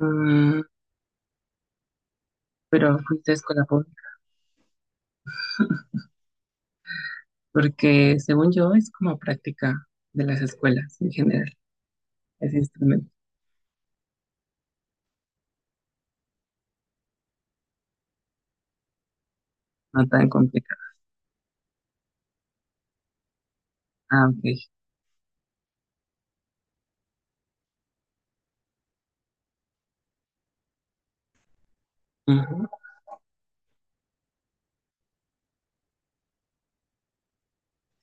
Mm, pero fuiste a escuela pública, porque según yo es como práctica de las escuelas en general, ese instrumento, no tan complicado. Ah, ok. Ujú.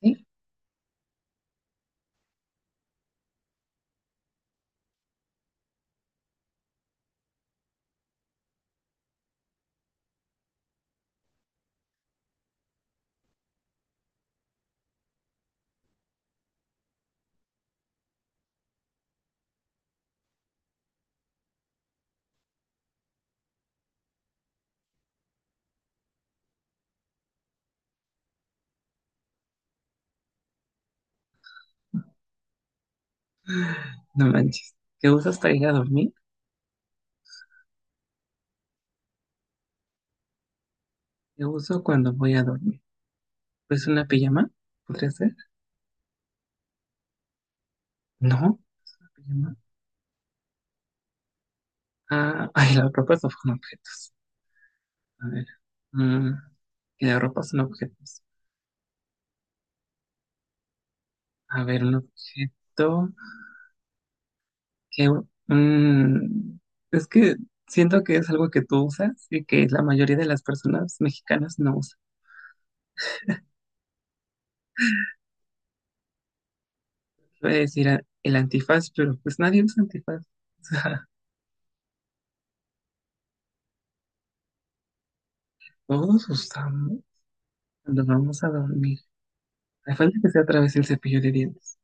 Sí, no manches. ¿Qué usas para ir a dormir? ¿Qué uso cuando voy a dormir? Pues una pijama, ¿podría ser? No, pijama. Ah, ay, la ropa son objetos. A ver. Mm, y la ropa son objetos. A ver, un objeto. que mm, es que siento que es algo que tú usas y que la mayoría de las personas mexicanas no usan. Voy a decir el antifaz, pero pues nadie usa antifaz. O sea, todos usamos cuando vamos a dormir. A falta que sea a través del cepillo de dientes.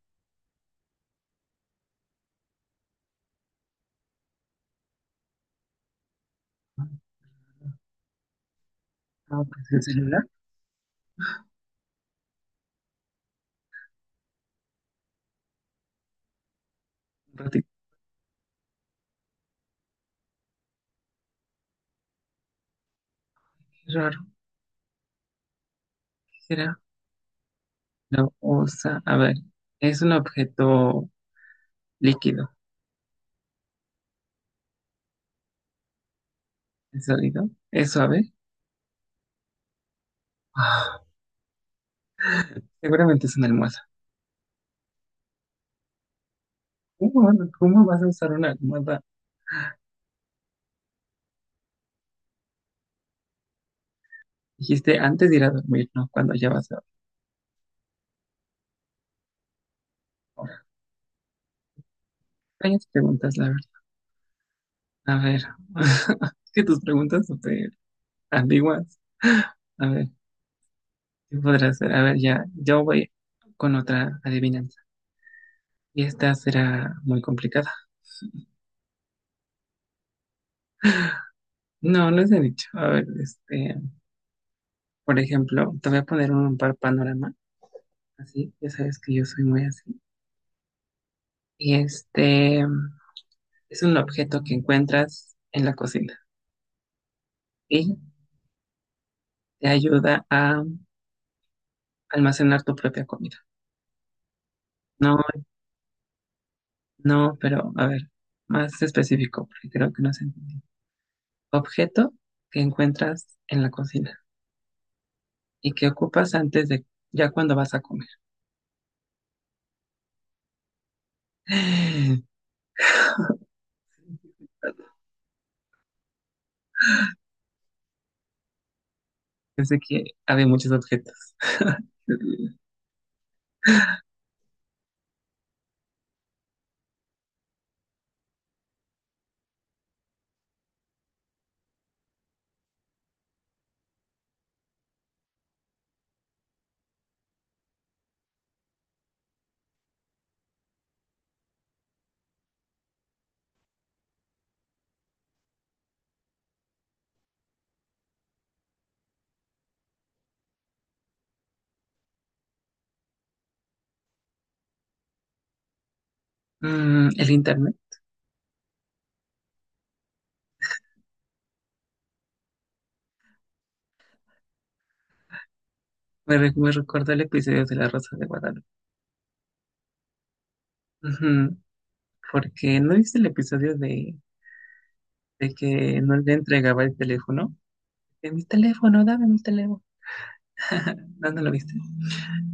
No, ah, pues el celular, un ratito, qué raro, ¿qué será? Lo usa, a ver, es un objeto líquido, es sólido, es suave. Ah, seguramente es una almohada. ¿Cómo, cómo vas a usar una almohada? Dijiste antes de ir a dormir, ¿no? Cuando ya vas a dormir. Varias preguntas, la verdad. A ver, es que tus preguntas son súper ambiguas. A ver, ¿qué podrá ser? A ver, ya, yo voy con otra adivinanza. Y esta será muy complicada. No, no es de dicho. A ver, este, por ejemplo, te voy a poner un par panorama, así, ya sabes que yo soy muy así. Y este es un objeto que encuentras en la cocina y te ayuda a almacenar tu propia comida. No, no, pero a ver, más específico, porque creo que no se entendió. Objeto que encuentras en la cocina y que ocupas antes de, ya cuando vas a comer. Yo sé que había muchos objetos. Mm, el internet. Me recordó el episodio de La Rosa de Guadalupe. Ujú, porque no viste el episodio de que no le entregaba el teléfono. De mi teléfono, dame mi teléfono. No, no lo viste.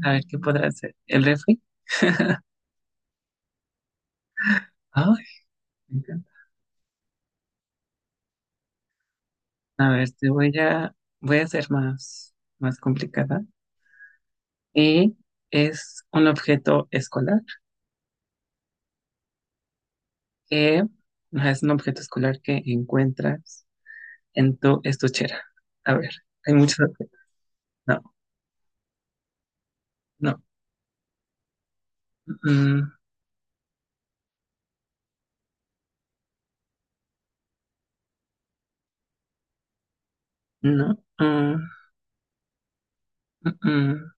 A ver, ¿qué podrá hacer? ¿El refri? Ay, a ver, voy a hacer más complicada. Y es un objeto escolar que ajá, es un objeto escolar que encuentras en tu estuchera. A ver, hay muchos objetos. No, no, mm, no, mm, mm.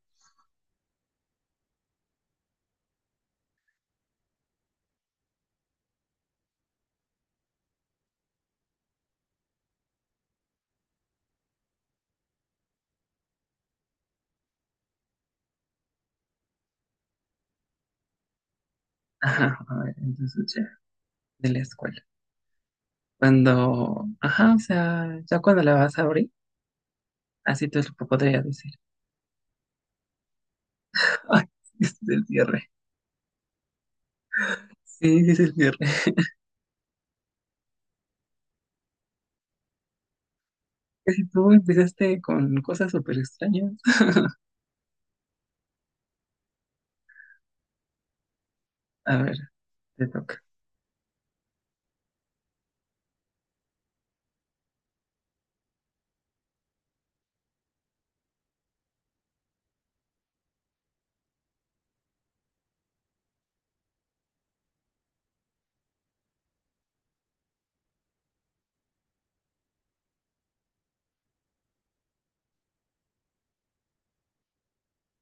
Ajá, a ver, en tu estuchera de la escuela. Cuando, ajá, o sea, ya cuando la vas a abrir, así te lo podría decir. Ay, este es el cierre. Sí, este es el cierre. Casi tú empezaste con cosas súper extrañas. A ver, te toca.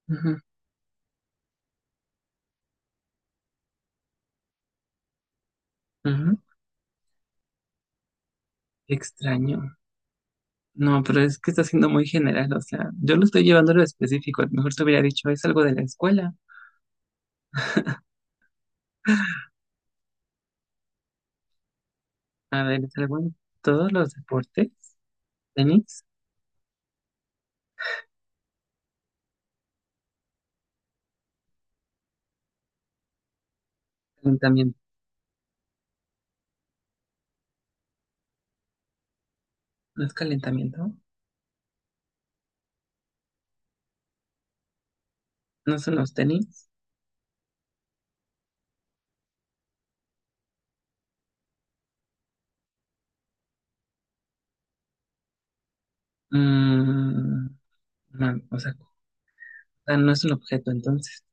Ujú, ujú. Extraño. No, pero es que está siendo muy general, o sea, yo lo estoy llevando a lo específico. A lo mejor te hubiera dicho, es algo de la escuela. A ver, es algo en todos los deportes. Tenis, calentamiento. ¿No es calentamiento? ¿No son los tenis? Mm, no, o sea, ah, no es un objeto, entonces,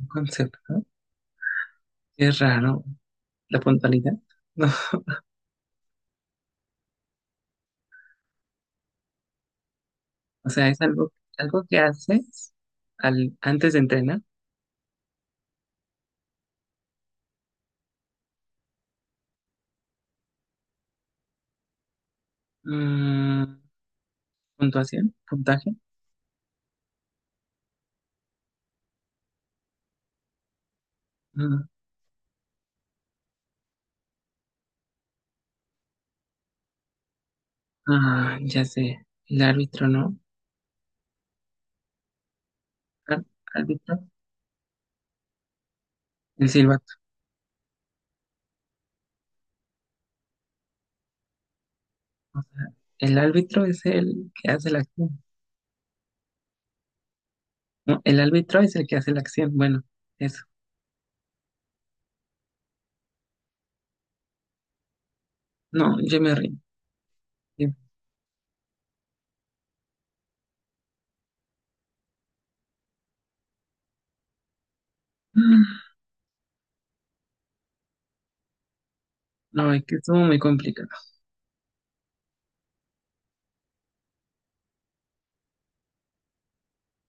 un concepto. Es raro. La puntualidad. No. O sea, es algo, algo que haces al, antes de entrenar. Mm, puntuación, puntaje. Mm, ah, ya sé. El árbitro, ¿no? Ar- árbitro. El silbato. O sea, el árbitro es el que hace la acción. No, el árbitro es el que hace la acción. Bueno, eso. No, yo me rindo. Sí. No, es que estuvo muy complicado.